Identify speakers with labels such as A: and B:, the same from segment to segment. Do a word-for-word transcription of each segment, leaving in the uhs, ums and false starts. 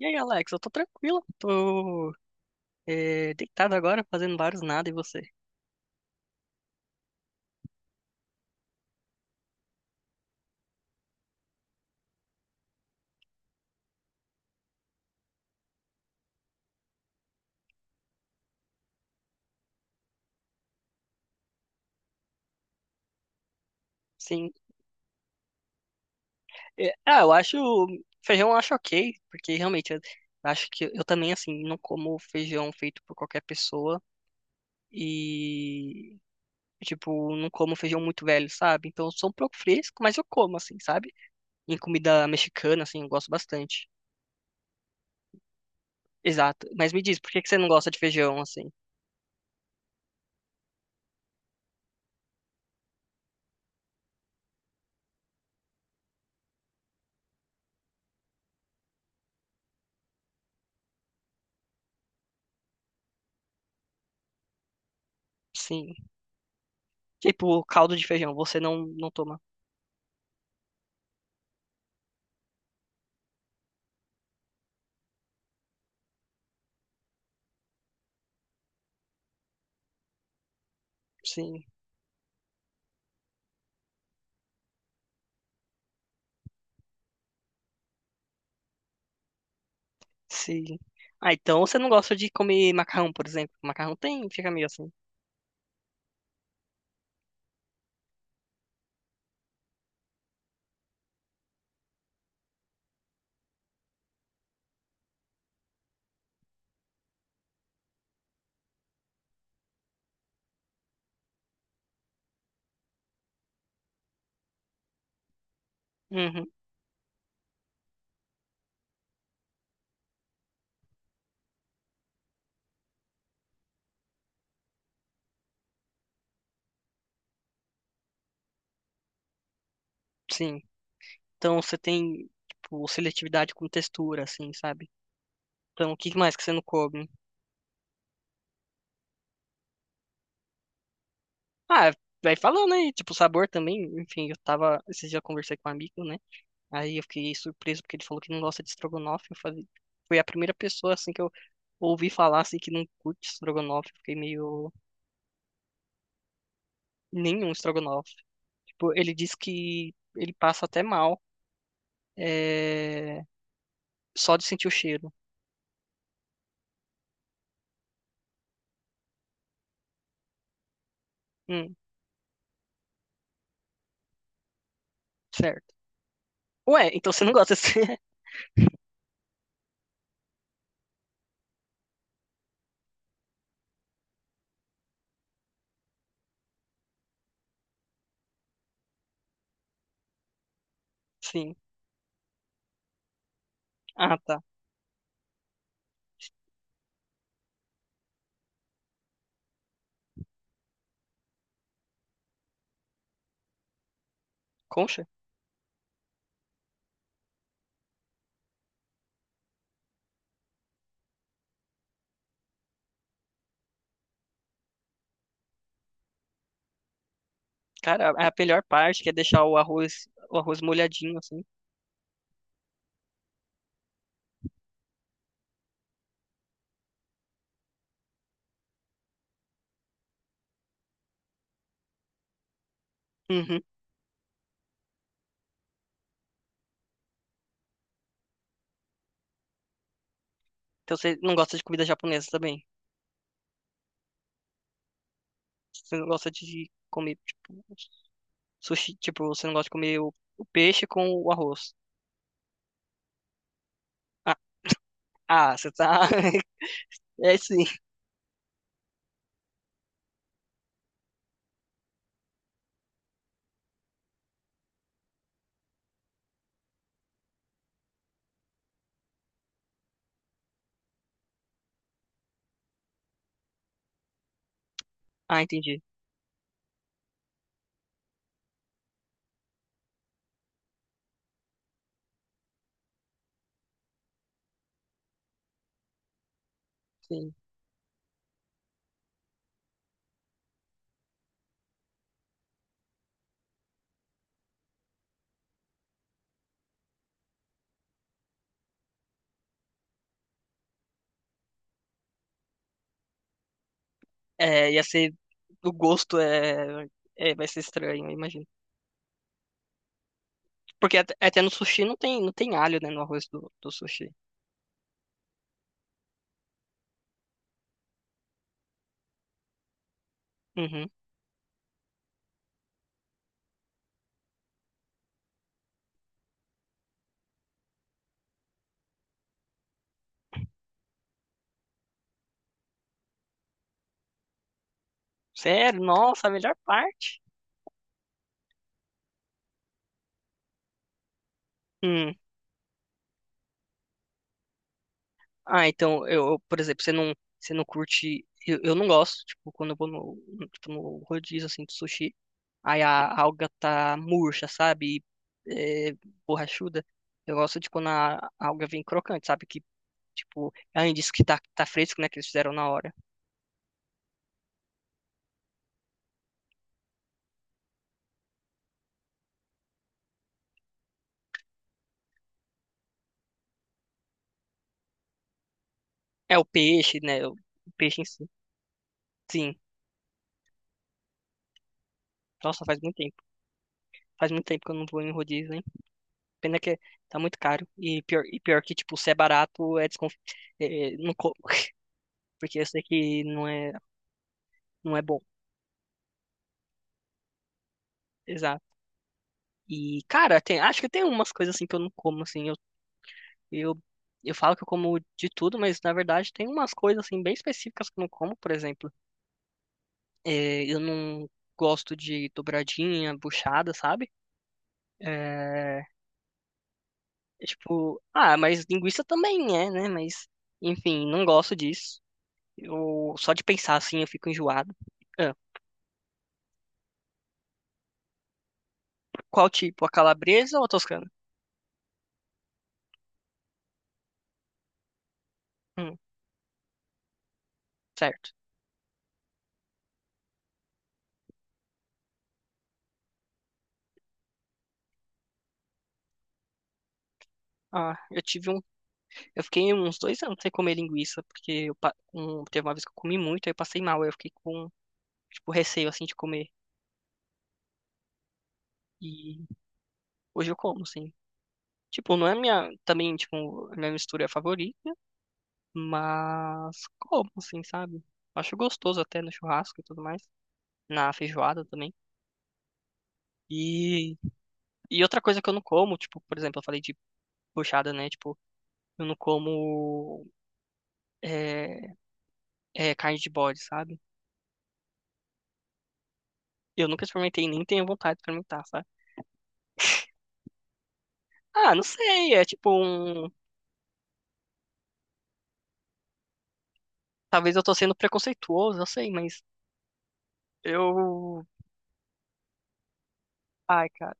A: E aí, Alex, eu tô tranquilo, tô é, deitado agora, fazendo vários nada, e você? Sim. É, ah, eu acho, feijão eu acho ok, porque realmente eu acho que eu também, assim, não como feijão feito por qualquer pessoa e, tipo, não como feijão muito velho, sabe? Então eu sou um pouco fresco, mas eu como, assim, sabe? Em comida mexicana, assim, eu gosto bastante. Exato. Mas me diz, por que que você não gosta de feijão, assim? Sim. Tipo, caldo de feijão, você não, não toma. Sim. Sim. Ah, então você não gosta de comer macarrão, por exemplo. Macarrão tem, fica meio assim. Uhum, sim. Então você tem, tipo, seletividade com textura, assim, sabe? Então o que mais que você não come? Ah, vai falando aí, tipo, sabor também. Enfim, eu tava, esses dias eu conversei com um amigo, né? Aí eu fiquei surpreso porque ele falou que não gosta de estrogonofe. Eu falei, foi a primeira pessoa, assim, que eu ouvi falar, assim, que não curte estrogonofe. Eu fiquei meio, nenhum estrogonofe. Tipo, ele disse que ele passa até mal. eh, Só de sentir o cheiro. Hum, certo. Ué, então você não gosta assim? Sim. Ah, tá. Concha? Cara, a a melhor parte que é deixar o arroz, o arroz molhadinho, assim. Uhum. Então você não gosta de comida japonesa também? Você não gosta de comer, tipo, sushi, tipo, você não gosta de comer o, o peixe com o arroz. Ah, ah, você tá. É sim. Ah, entendi. Sim. É, ia ser. O gosto é, é. Vai ser estranho, eu imagino. Porque até, até no sushi não tem, não tem alho, né? No arroz do, do sushi. Uhum. Sério? Nossa, a melhor parte. Hum. Ah, então, eu, eu, por exemplo, você não, você não curte. Eu, eu não gosto, tipo, quando eu vou no, no- tipo, no rodízio assim de sushi, aí a alga tá murcha, sabe? E, é, borrachuda. Eu gosto de quando a alga vem crocante, sabe? Que, tipo, além disso que tá, tá fresco, né? Que eles fizeram na hora. É o peixe, né? O peixe em si. Sim. Nossa, faz muito tempo. Faz muito tempo que eu não vou em rodízio, hein? Pena que tá muito caro. E pior, e pior que, tipo, se é barato, é desconf... é, é, não como. Porque eu sei que não é, não é bom. Exato. E, cara, tem, acho que tem umas coisas assim que eu não como, assim. Eu, eu, eu falo que eu como de tudo, mas na verdade tem umas coisas assim bem específicas que eu não como, por exemplo. é, eu não gosto de dobradinha, buchada, sabe? É, é tipo, ah, mas linguiça também é, né? Mas, enfim, não gosto disso. Eu, só de pensar assim eu fico enjoado. Qual tipo? A calabresa ou a toscana? Hum, certo. Ah, eu tive um. Eu fiquei uns dois anos sem comer linguiça, porque eu, pa- um, teve uma vez que eu comi muito, aí eu passei mal, aí eu fiquei com, tipo, receio, assim, de comer. E hoje eu como, assim. Tipo, não é minha, também, tipo, a minha mistura favorita, mas como, assim, sabe? Acho gostoso até no churrasco e tudo mais, na feijoada também. E, e outra coisa que eu não como, tipo, por exemplo, eu falei de buchada, né? Tipo, eu não como. é, é, carne de bode, sabe? Eu nunca experimentei, nem tenho vontade de experimentar, sabe? Ah, não sei, é tipo um. Talvez eu tô sendo preconceituoso, eu sei, mas eu. Ai, cara,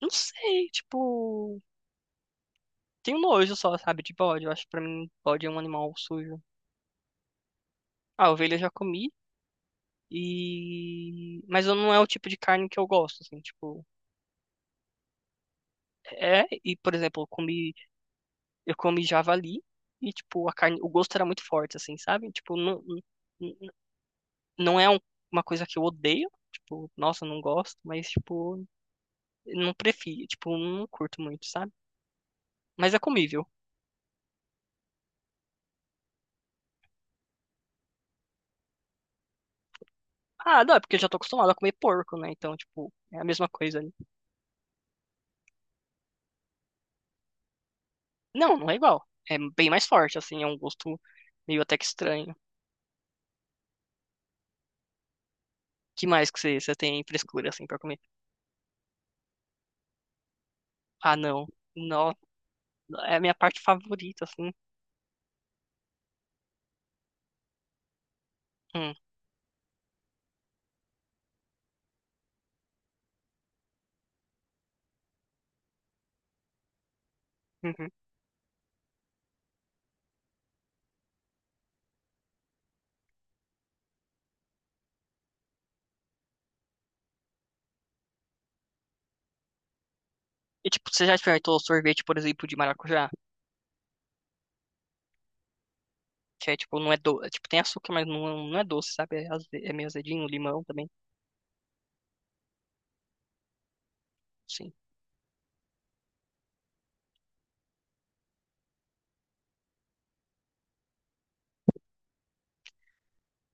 A: não sei, tipo. Tenho nojo só, sabe, de bode. Eu acho que pra mim bode é um animal sujo. Ah, ovelha eu já comi. E. Mas eu- não é o tipo de carne que eu gosto, assim, tipo. É, e por exemplo, eu comi, eu comi javali. E, tipo, a carne, o gosto era muito forte, assim, sabe? Tipo, não, não é um- uma coisa que eu odeio, tipo, nossa, não gosto, mas, tipo, não prefiro, tipo, não curto muito, sabe? Mas é comível. Ah, não, é porque eu já tô acostumado a comer porco, né? Então, tipo, é a mesma coisa ali. Não, não é igual. É bem mais forte, assim, é um gosto meio até que estranho. Que mais que você, você tem frescura, assim, pra comer? Ah, não. Não, é a minha parte favorita, assim. Hum, uhum. E, tipo, você já experimentou sorvete, por exemplo, de maracujá? Que é, tipo, não é doce. Tipo, tem açúcar, mas não, não é doce, sabe? É, aze- é meio azedinho, limão também. Sim.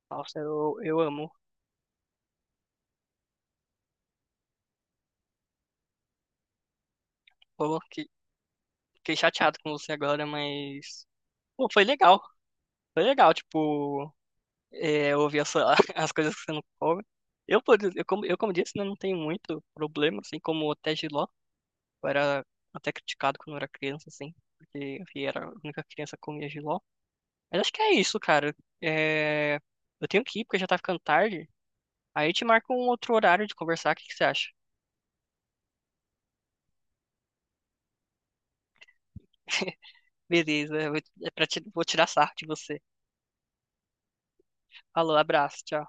A: Nossa, eu, eu amo. Pô, que- fiquei chateado com você agora, mas. Pô, foi legal. Foi legal, tipo, é, ouvir a sua- as coisas que você não come. Eu, por ex- eu, como, eu, como disse, né, não tenho muito problema, assim, como até jiló. Eu era até criticado quando eu era criança, assim, porque eu era a única criança que comia jiló. Mas acho que é isso, cara. É, eu tenho que ir, porque já tá ficando tarde. Aí eu te marco um outro horário de conversar, o que que você acha? Beleza, eu vou, é pra ti- vou tirar sarro de você. Falou, abraço, tchau.